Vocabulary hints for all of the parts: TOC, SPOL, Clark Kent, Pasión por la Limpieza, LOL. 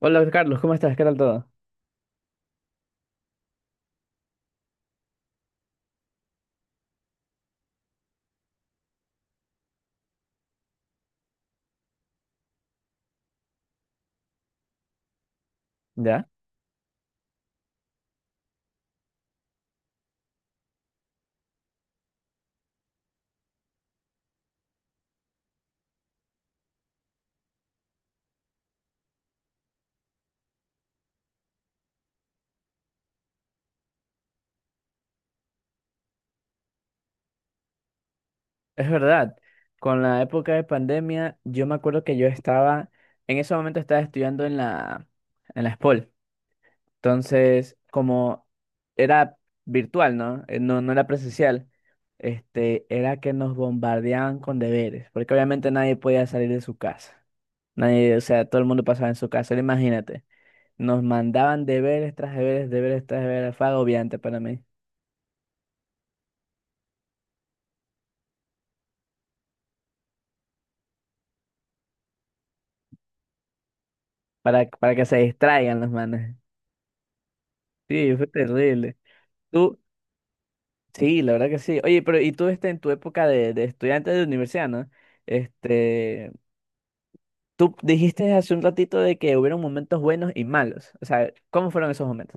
Hola Carlos, ¿cómo estás? ¿Qué tal todo? Ya, es verdad. Con la época de pandemia, yo me acuerdo que yo estaba, en ese momento estaba estudiando en la SPOL. Entonces, como era virtual, ¿no? No, no era presencial. Era que nos bombardeaban con deberes, porque obviamente nadie podía salir de su casa. Nadie, o sea, todo el mundo pasaba en su casa. Ahora imagínate, nos mandaban deberes tras deberes, deberes tras deberes. Fue agobiante para mí, para que se distraigan los manes. Sí, fue terrible. Tú, sí, la verdad que sí. Oye, pero y tú en tu época de estudiante de universidad, ¿no? Este, tú dijiste hace un ratito de que hubieron momentos buenos y malos. O sea, ¿cómo fueron esos momentos?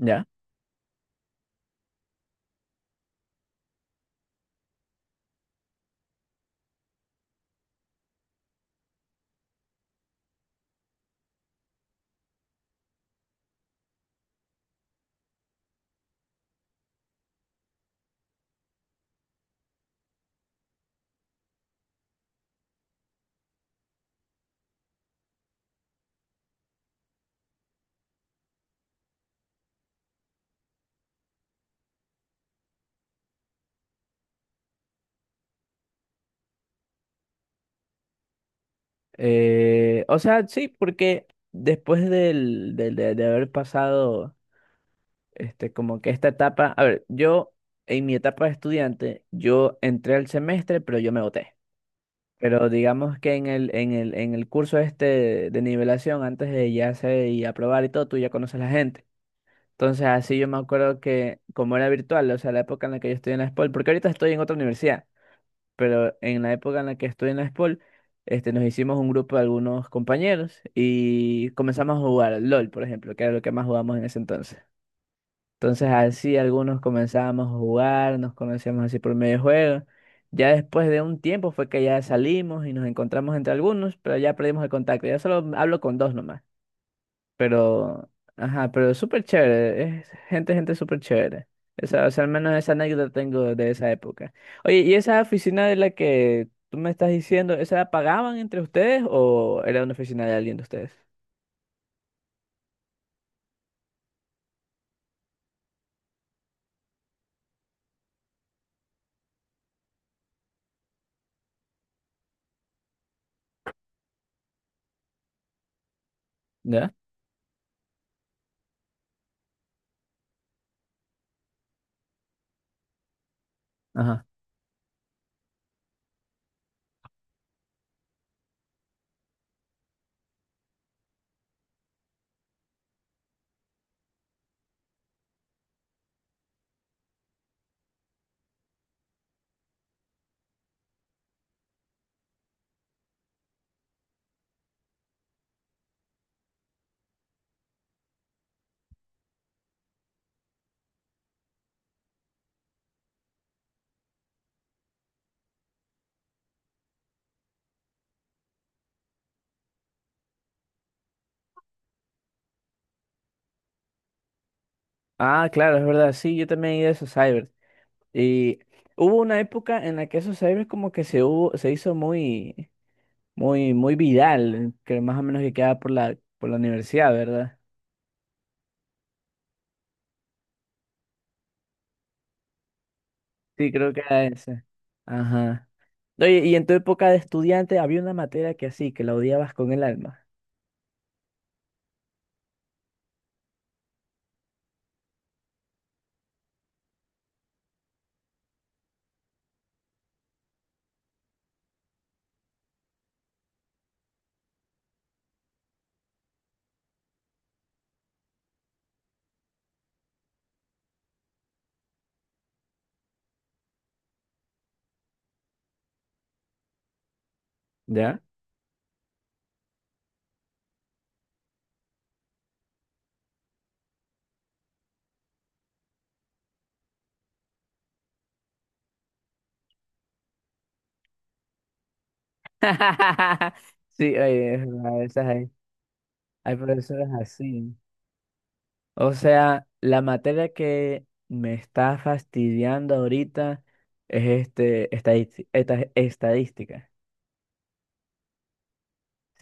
Ya. O sea, sí, porque después de haber pasado, como que esta etapa, a ver, yo en mi etapa de estudiante, yo entré al semestre, pero yo me boté. Pero digamos que en en el curso este de nivelación, antes de ya hacer y aprobar y todo, tú ya conoces a la gente. Entonces, así yo me acuerdo que, como era virtual, o sea, la época en la que yo estudié en la SPOL, porque ahorita estoy en otra universidad, pero en la época en la que estudié en la SPOL, nos hicimos un grupo de algunos compañeros y comenzamos a jugar al LOL, por ejemplo, que era lo que más jugamos en ese entonces. Entonces así algunos comenzábamos a jugar, nos conocíamos así por medio juego. Ya después de un tiempo fue que ya salimos y nos encontramos entre algunos, pero ya perdimos el contacto. Ya solo hablo con dos nomás. Pero, ajá, pero es súper chévere. Es gente, gente súper chévere. Esa, o sea, al menos esa anécdota tengo de esa época. Oye, ¿y esa oficina de la que tú me estás diciendo, esa la pagaban entre ustedes o era una oficina de alguien de ustedes? ¿Ya? Ajá. Ah, claro, es verdad. Sí, yo también he ido a esos cyber. Y hubo una época en la que esos cyber como que se hubo, se hizo muy viral, que más o menos que quedaba por la universidad, ¿verdad? Sí, creo que era ese. Ajá. Oye, y en tu época de estudiante había una materia que así, que la odiabas con el alma. ¿Ya? Sí, oye, es verdad, esas hay, hay profesores así. O sea, la materia que me está fastidiando ahorita es estadística.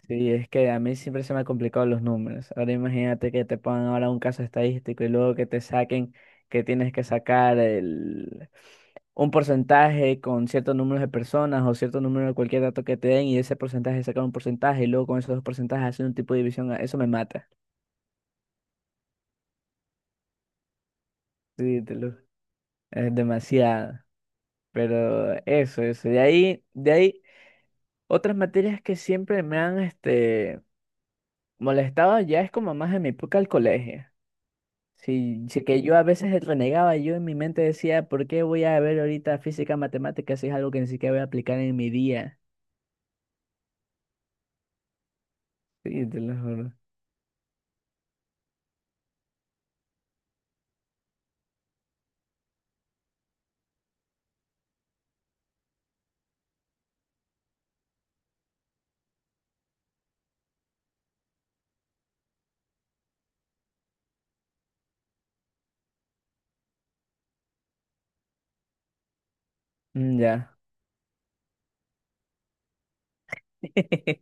Sí, es que a mí siempre se me han complicado los números. Ahora imagínate que te pongan ahora un caso estadístico y luego que te saquen que tienes que sacar un porcentaje con ciertos números de personas o cierto número de cualquier dato que te den y ese porcentaje sacar un porcentaje y luego con esos dos porcentajes hacer un tipo de división. Eso me mata. Sí, es demasiado. Pero eso, eso. Otras materias que siempre me han molestado ya es como más en mi época del colegio. Sí, sí que yo a veces renegaba, yo en mi mente decía, ¿por qué voy a ver ahorita física, matemáticas si es algo que ni siquiera voy a aplicar en mi día? Sí, te lo juro. Mm, ya.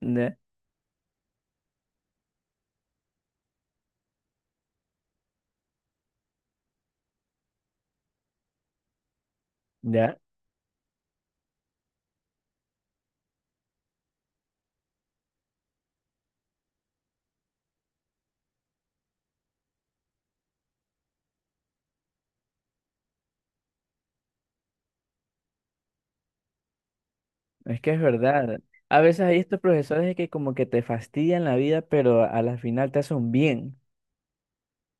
Ya, ya, es que es verdad. A veces hay estos profesores que como que te fastidian la vida, pero a la final te hacen un bien,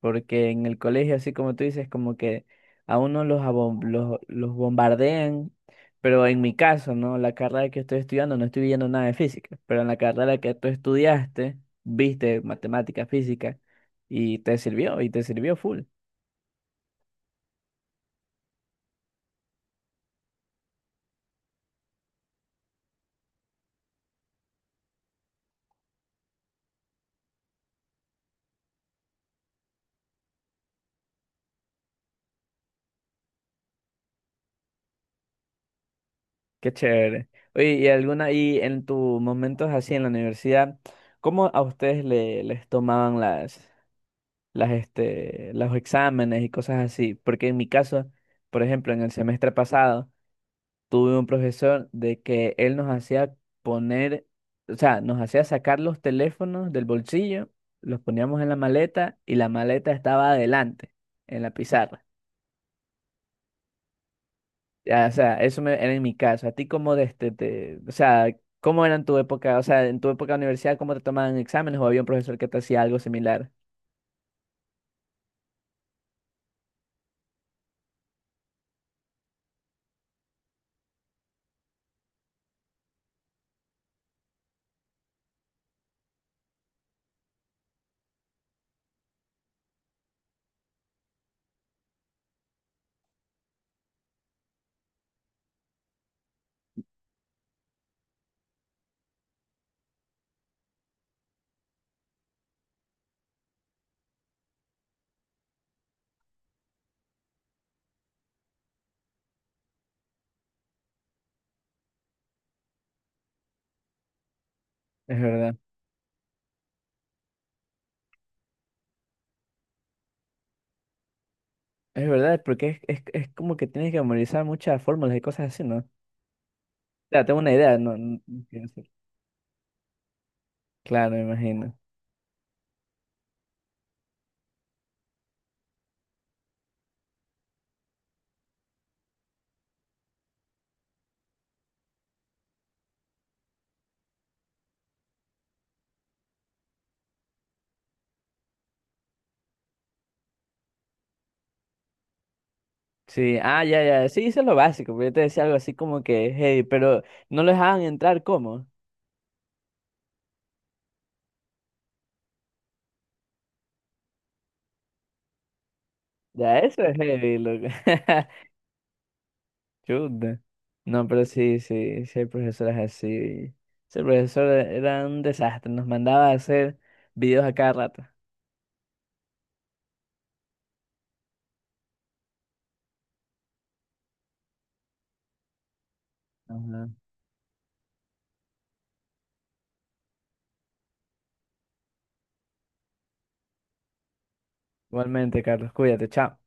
porque en el colegio, así como tú dices, como que a uno los bombardean, pero en mi caso, ¿no? La carrera que estoy estudiando, no estoy viendo nada de física, pero en la carrera que tú estudiaste, viste matemática, física, y te sirvió full. Qué chévere. Oye, y alguna, y en tus momentos así en la universidad, ¿cómo a ustedes les tomaban los exámenes y cosas así? Porque en mi caso, por ejemplo, en el semestre pasado, tuve un profesor de que él nos hacía poner, o sea, nos hacía sacar los teléfonos del bolsillo, los poníamos en la maleta y la maleta estaba adelante, en la pizarra. Ya, o sea, era en mi caso. ¿A ti cómo de o sea, cómo era en tu época, o sea, en tu época de universidad, cómo te tomaban exámenes o había un profesor que te hacía algo similar? Es verdad, es verdad, porque es como que tienes que memorizar muchas fórmulas y cosas así, ¿no? O sea, tengo una idea, no quiero decir. Claro, me imagino. Sí, ah, ya, ya, sí, hice lo básico, pero yo te decía algo así como que hey, pero no lo dejaban entrar, ¿cómo? Ya, eso es heavy, loco. Chuta. No, pero sí, sí, sí hay profesoras así. Ese profesor era un desastre, nos mandaba a hacer videos a cada rato. Ajá. Igualmente, Carlos, cuídate, chao.